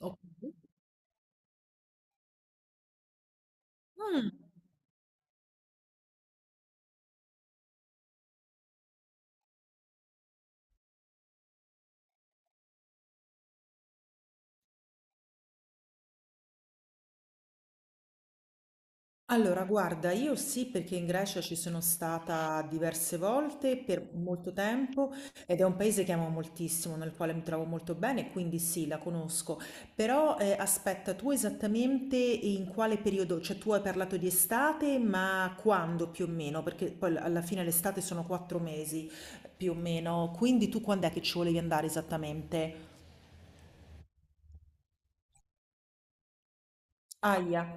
Oh. Mm. Allora, guarda, io sì perché in Grecia ci sono stata diverse volte per molto tempo ed è un paese che amo moltissimo, nel quale mi trovo molto bene, quindi sì, la conosco. Però aspetta, tu esattamente in quale periodo? Cioè tu hai parlato di estate, ma quando più o meno? Perché poi alla fine l'estate sono 4 mesi più o meno, quindi tu quando è che ci volevi andare esattamente? Ahia.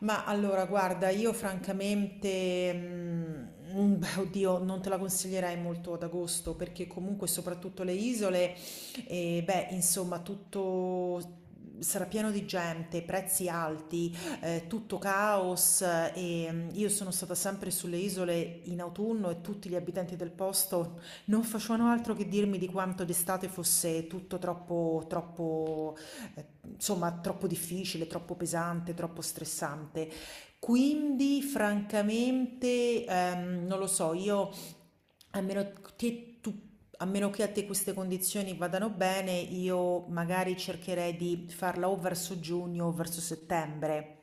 Ma allora, guarda, io francamente, beh, oddio, non te la consiglierei molto ad agosto perché comunque soprattutto le isole, beh, insomma, tutto sarà pieno di gente, prezzi alti, tutto caos eh, e io sono stata sempre sulle isole in autunno e tutti gli abitanti del posto non facevano altro che dirmi di quanto d'estate fosse tutto troppo eh, insomma troppo difficile, troppo pesante, troppo stressante. Quindi, francamente, non lo so, io a meno che tu a meno che a te queste condizioni vadano bene, io magari cercherei di farla o verso giugno o verso settembre.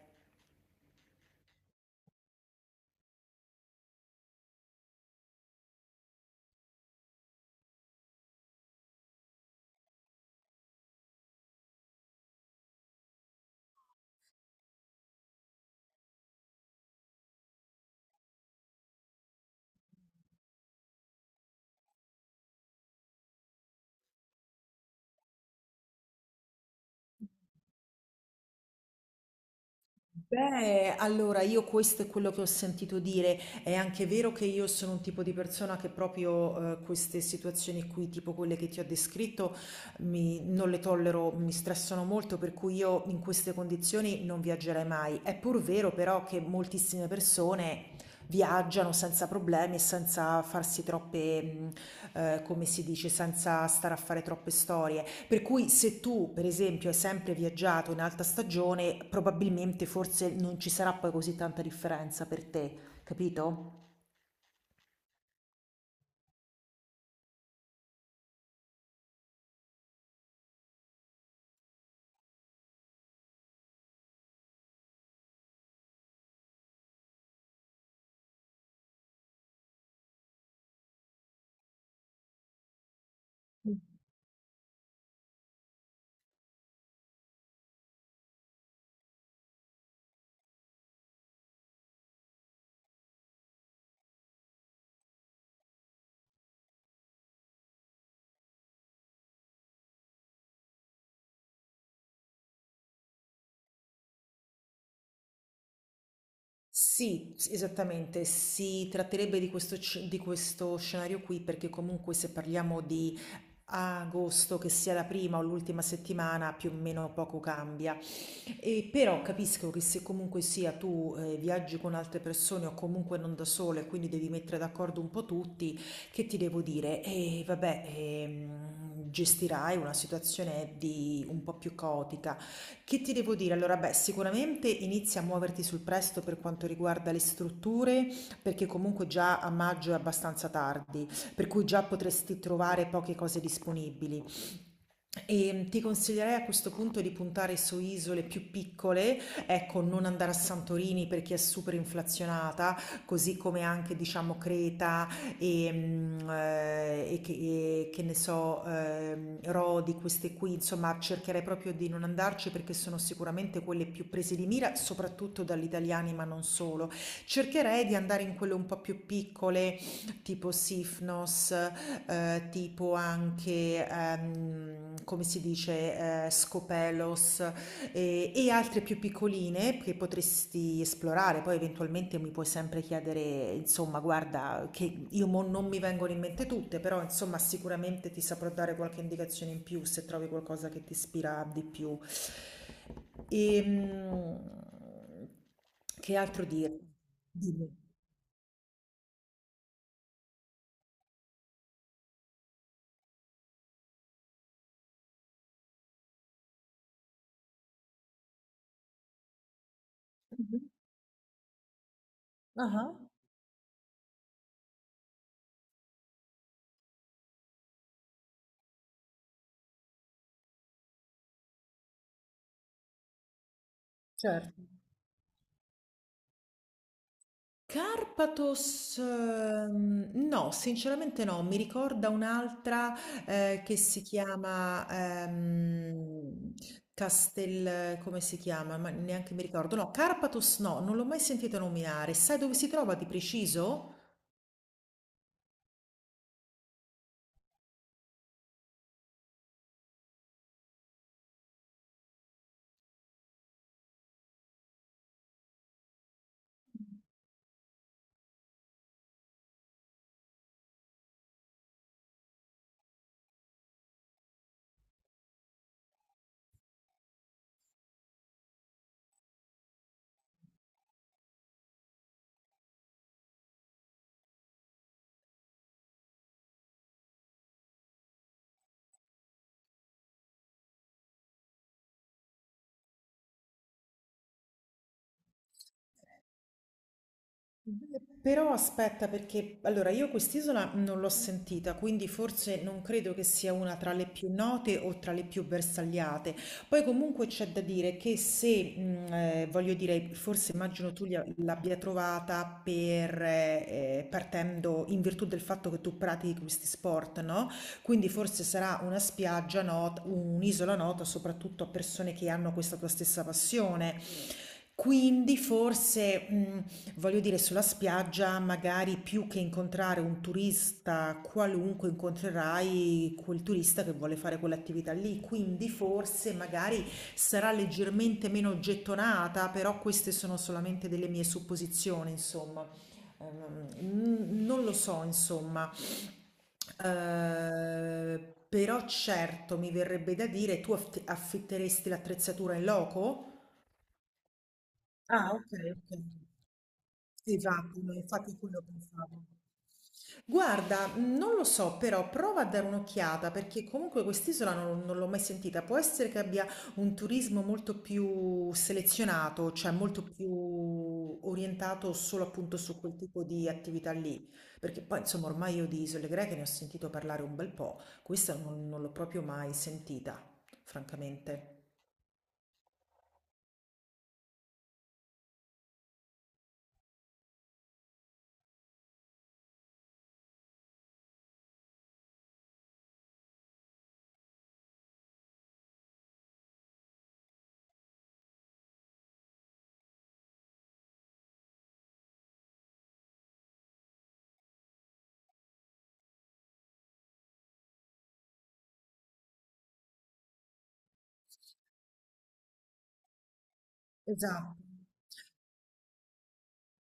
Beh, allora io questo è quello che ho sentito dire. È anche vero che io sono un tipo di persona che proprio queste situazioni qui, tipo quelle che ti ho descritto, non le tollero, mi stressano molto, per cui io in queste condizioni non viaggerei mai. È pur vero però che moltissime persone viaggiano senza problemi e senza farsi troppe, come si dice, senza stare a fare troppe storie. Per cui se tu, per esempio, hai sempre viaggiato in alta stagione, probabilmente forse non ci sarà poi così tanta differenza per te, capito? Sì, esattamente, si tratterebbe di questo, di questo scenario qui perché comunque se parliamo di agosto, che sia la prima o l'ultima settimana, più o meno poco cambia. E però capisco che se comunque sia tu viaggi con altre persone o comunque non da sole, quindi devi mettere d'accordo un po' tutti, che ti devo dire? E vabbè, gestirai una situazione di un po' più caotica. Che ti devo dire? Allora, beh, sicuramente inizia a muoverti sul presto per quanto riguarda le strutture, perché comunque già a maggio è abbastanza tardi, per cui già potresti trovare poche cose disponibili. Ti consiglierei a questo punto di puntare su isole più piccole, ecco, non andare a Santorini perché è super inflazionata, così come anche diciamo Creta e che ne so, Rodi, queste qui, insomma, cercherei proprio di non andarci perché sono sicuramente quelle più prese di mira, soprattutto dagli italiani, ma non solo. Cercherei di andare in quelle un po' più piccole tipo Sifnos, tipo anche, come si dice, Scopelos e altre più piccoline che potresti esplorare. Poi eventualmente mi puoi sempre chiedere, insomma, guarda, che io mo non mi vengono in mente tutte, però insomma sicuramente ti saprò dare qualche indicazione in più se trovi qualcosa che ti ispira di più. Ehm, che altro dire? Dimmi. Mhm. Ah, certo. Carpathos, no, sinceramente no, mi ricorda un'altra che si chiama Castel, come si chiama? Ma neanche mi ricordo. No, Carpathos no, non l'ho mai sentita nominare. Sai dove si trova di preciso? Beh, però aspetta, perché allora io quest'isola non l'ho sentita, quindi forse non credo che sia una tra le più note o tra le più bersagliate. Poi comunque c'è da dire che se, voglio dire, forse immagino tu l'abbia trovata per, partendo in virtù del fatto che tu pratichi questi sport, no? Quindi forse sarà una spiaggia nota, un'isola nota soprattutto a persone che hanno questa tua stessa passione. Quindi forse... Voglio dire, sulla spiaggia magari più che incontrare un turista qualunque, incontrerai quel turista che vuole fare quell'attività lì, quindi forse magari sarà leggermente meno gettonata, però queste sono solamente delle mie supposizioni, insomma. Non lo so, insomma. Però certo mi verrebbe da dire, tu affitteresti l'attrezzatura in loco? Ah, okay, okay. Sì, vacuolo, infatti è quello che pensavo. Guarda, non lo so, però prova a dare un'occhiata perché comunque quest'isola non l'ho mai sentita. Può essere che abbia un turismo molto più selezionato, cioè molto più orientato solo appunto su quel tipo di attività lì, perché poi insomma ormai io di isole greche ne ho sentito parlare un bel po', questa non l'ho proprio mai sentita, francamente. Esatto.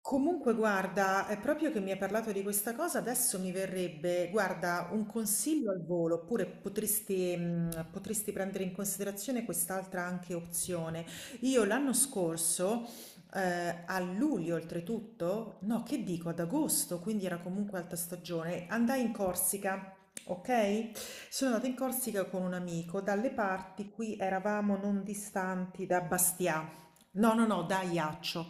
Comunque, guarda, è proprio che mi hai parlato di questa cosa, adesso mi verrebbe, guarda, un consiglio al volo, oppure potresti, potresti prendere in considerazione quest'altra anche opzione. Io l'anno scorso, a luglio oltretutto, no, che dico, ad agosto, quindi era comunque alta stagione, andai in Corsica. Ok? Sono andata in Corsica con un amico, dalle parti qui eravamo non distanti da Bastia, no, no, no, da Ajaccio.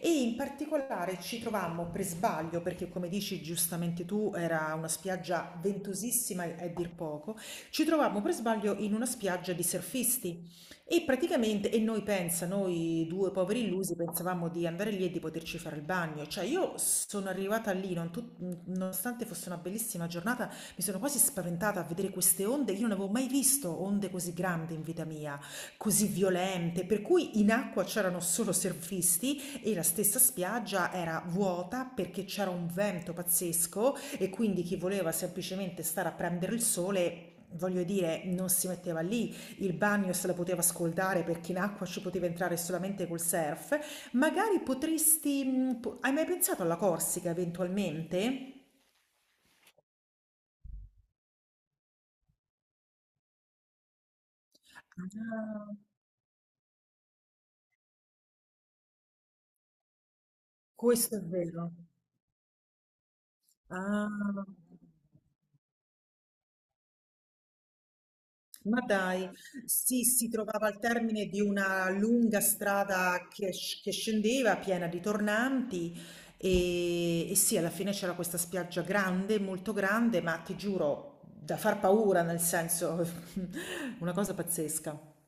E in particolare ci trovammo per sbaglio, perché come dici giustamente tu, era una spiaggia ventosissima a dir poco, ci trovammo per sbaglio in una spiaggia di surfisti e praticamente, e noi pensa, noi due poveri illusi pensavamo di andare lì e di poterci fare il bagno, cioè io sono arrivata lì, non tut- nonostante fosse una bellissima giornata, mi sono quasi spaventata a vedere queste onde, io non avevo mai visto onde così grandi in vita mia, così violente, per cui in acqua c'erano solo surfisti e la stessa spiaggia era vuota perché c'era un vento pazzesco e quindi chi voleva semplicemente stare a prendere il sole, voglio dire, non si metteva lì. Il bagno se la poteva scaldare perché in acqua ci poteva entrare solamente col surf. Magari Hai mai pensato alla Corsica eventualmente? Ah, questo è vero. Ah. Ma dai, sì, si trovava al termine di una lunga strada che, che scendeva, piena di tornanti, e sì, alla fine c'era questa spiaggia grande, molto grande, ma ti giuro, da far paura, nel senso, una cosa pazzesca.